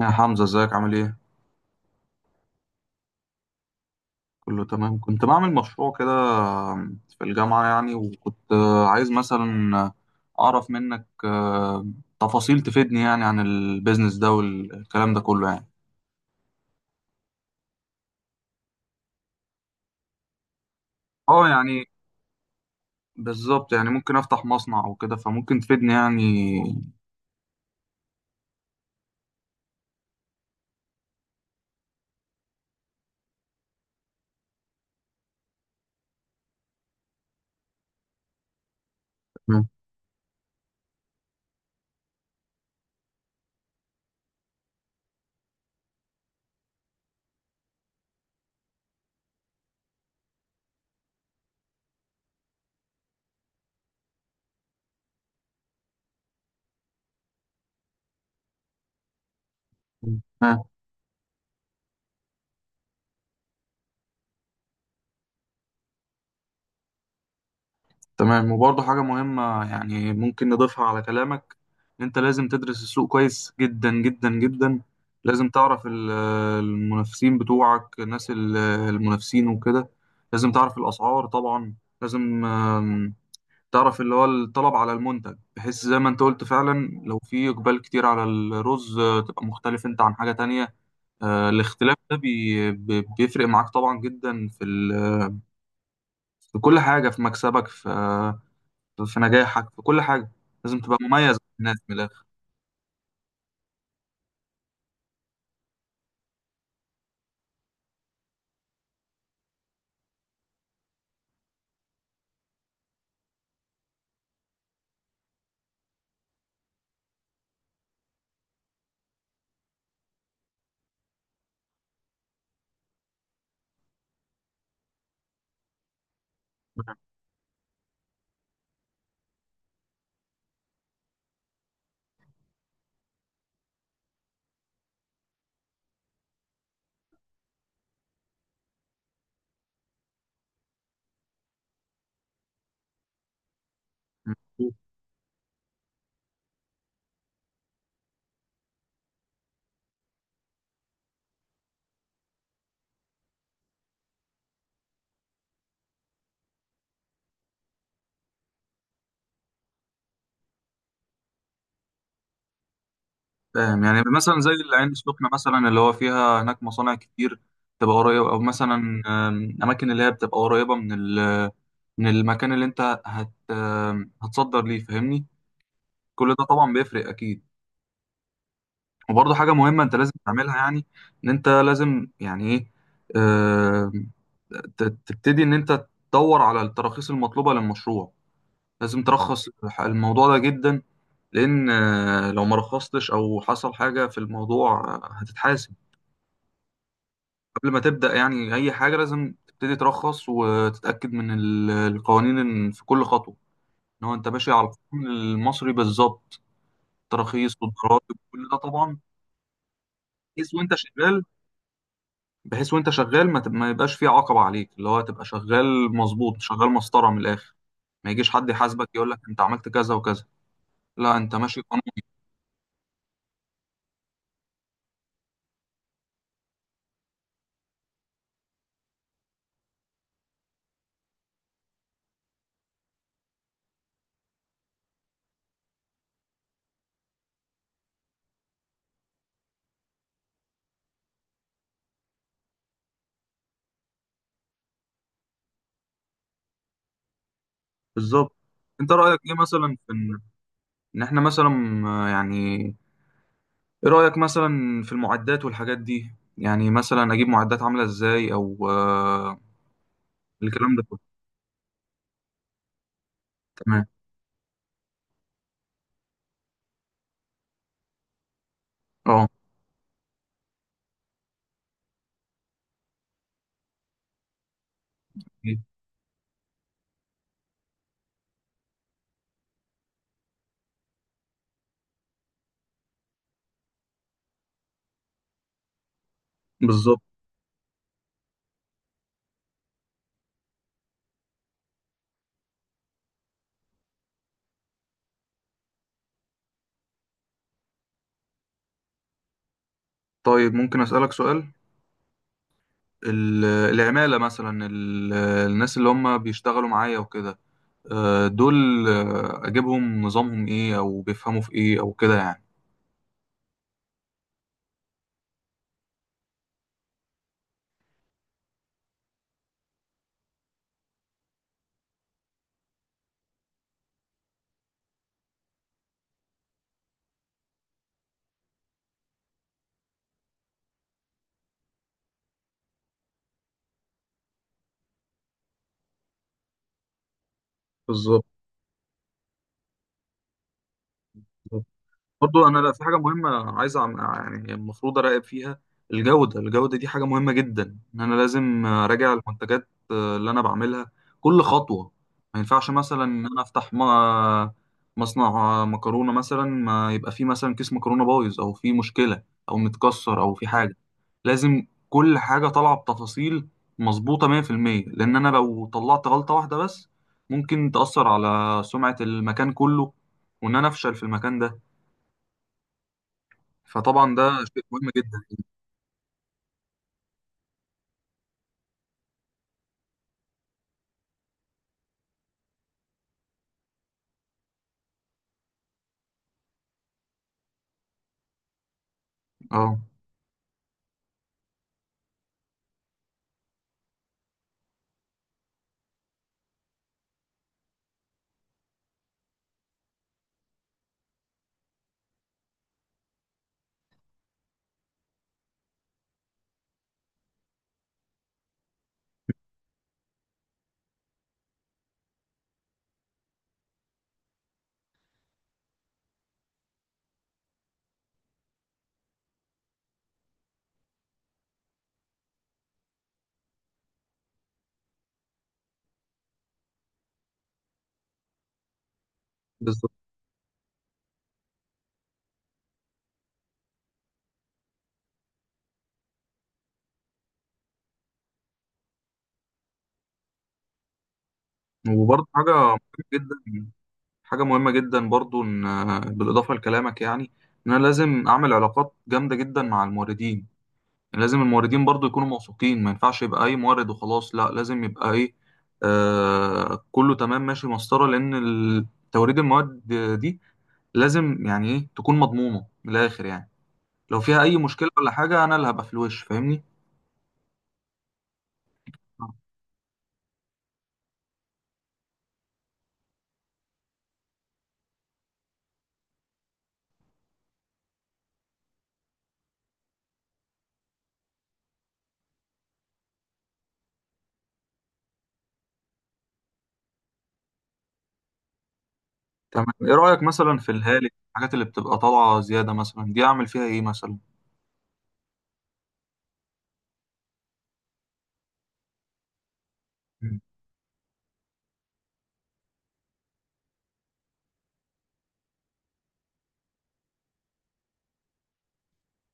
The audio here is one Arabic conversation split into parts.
يا حمزة ازيك عامل ايه؟ كله تمام. كنت بعمل مشروع كده في الجامعة يعني، وكنت عايز مثلا أعرف منك تفاصيل تفيدني يعني عن البيزنس ده والكلام ده كله يعني. اه، يعني بالظبط يعني، ممكن أفتح مصنع أو كده، فممكن تفيدني يعني. تمام، وبرضه حاجة مهمة يعني ممكن نضيفها على كلامك، إن أنت لازم تدرس السوق كويس جدا جدا جدا. لازم تعرف المنافسين بتوعك، الناس المنافسين وكده. لازم تعرف الأسعار طبعا. لازم تعرف اللي هو الطلب على المنتج، بحيث زي ما أنت قلت فعلا، لو في إقبال كتير على الرز تبقى مختلف أنت عن حاجة تانية. الاختلاف ده بيفرق معاك طبعا جدا في في كل حاجة، في مكسبك، في نجاحك، في كل حاجة. لازم تبقى مميز عن الناس من الآخر. م. فاهم يعني، مثلا زي العين السخنة مثلا، اللي هو فيها هناك مصانع كتير، تبقى قريبة، أو مثلا أماكن اللي هي بتبقى قريبة من من المكان اللي أنت هت آم، هتصدر ليه، فاهمني. كل ده طبعا بيفرق أكيد. وبرضه حاجة مهمة أنت لازم تعملها يعني، إن أنت لازم يعني إيه، آم، تبتدي إن أنت تدور على التراخيص المطلوبة للمشروع. لازم ترخص الموضوع ده جدا. لأن لو ما رخصتش أو حصل حاجة في الموضوع هتتحاسب. قبل ما تبدأ يعني أي حاجة، لازم تبتدي ترخص وتتأكد من القوانين، إن في كل خطوة إن هو أنت ماشي على القانون المصري بالظبط، تراخيص والضرائب وكل ده طبعا. بحيث وأنت شغال بحيث وأنت شغال ما يبقاش في عقبة عليك، اللي هو تبقى شغال مظبوط، شغال مسطرة من الآخر. ما يجيش حد يحاسبك يقول لك أنت عملت كذا وكذا، لا أنت ماشي قانون. بالظبط. انت رايك ايه مثلا في ان احنا مثلا يعني، ايه رايك مثلا في المعدات والحاجات دي يعني، مثلا اجيب معدات عامله ازاي او الكلام ده كله؟ تمام. اه، بالظبط. طيب ممكن اسالك سؤال؟ العماله مثلا، الناس اللي هم بيشتغلوا معايا وكده دول اجيبهم نظامهم ايه، او بيفهموا في ايه، او كده يعني؟ بالظبط. برضو انا، لا، في حاجه مهمه عايز يعني المفروض اراقب فيها، الجوده. الجوده دي حاجه مهمه جدا، ان انا لازم اراجع المنتجات اللي انا بعملها كل خطوه. ما ينفعش مثلا ان انا افتح مصنع مكرونه مثلا، ما يبقى فيه مثلا كيس مكرونه بايظ، او فيه مشكله، او متكسر، او فيه حاجه. لازم كل حاجه طالعه بتفاصيل مظبوطه 100%، لان انا لو طلعت غلطه واحده بس، ممكن تاثر على سمعه المكان كله، وان انا افشل في المكان ده. فطبعا ده شيء مهم جدا. اه، بالظبط. وبرضه جدا حاجه مهمه جدا برضه، ان بالاضافه لكلامك يعني، ان انا لازم اعمل علاقات جامده جدا مع الموردين. يعني لازم الموردين برضه يكونوا موثوقين، ما ينفعش يبقى اي مورد وخلاص، لا لازم يبقى ايه، كله تمام، ماشي مسطره، لان توريد المواد دي لازم يعني ايه تكون مضمونه من الاخر يعني. لو فيها اي مشكله ولا حاجه، انا اللي هبقى في الوش، فاهمني. تمام. ايه رأيك مثلا في الهالك، الحاجات اللي بتبقى طالعة زيادة مثلا، دي اعمل فيها ايه مثلا؟ مم.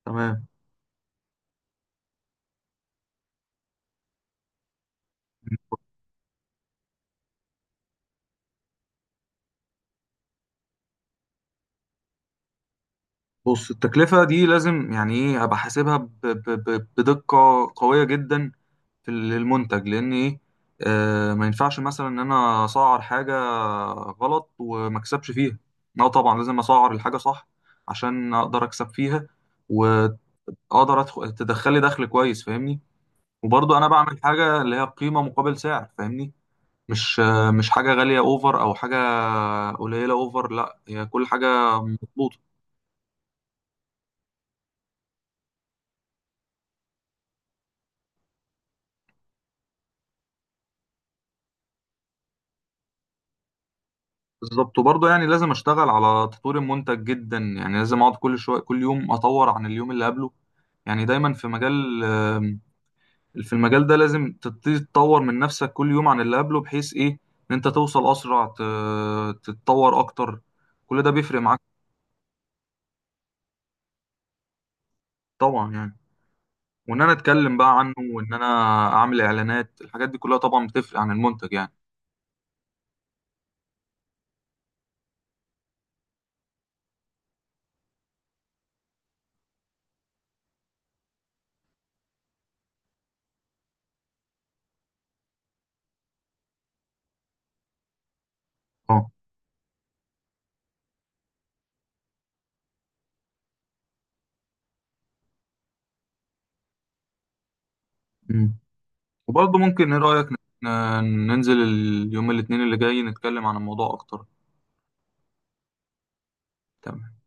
تمام. بص، التكلفة دي لازم يعني ايه ابقى حاسبها بدقة قوية جدا في المنتج، لان ايه، ما ينفعش مثلا ان انا اسعر حاجة غلط وما اكسبش فيها. لا طبعا لازم اسعر الحاجة صح عشان اقدر اكسب فيها، واقدر أدخل تدخلي دخل كويس، فاهمني. وبرضو انا بعمل حاجة اللي هي قيمة مقابل سعر، فاهمني، مش مش حاجة غالية اوفر او حاجة قليلة اوفر، لا هي كل حاجة مظبوطة. بالظبط. وبرضه يعني لازم اشتغل على تطوير المنتج جدا، يعني لازم اقعد كل شوية كل يوم اطور عن اليوم اللي قبله. يعني دايما في مجال آم، في المجال ده لازم تبتدي تطور من نفسك كل يوم عن اللي قبله، بحيث ايه ان انت توصل اسرع، تتطور اكتر، كل ده بيفرق معاك. طبعا يعني. وان انا اتكلم بقى عنه، وان انا اعمل اعلانات، الحاجات دي كلها طبعا بتفرق عن المنتج يعني. اه، وبرضه ممكن، ايه رأيك ن- ننزل اليوم الاثنين اللي جاي نتكلم عن الموضوع اكتر؟ تمام.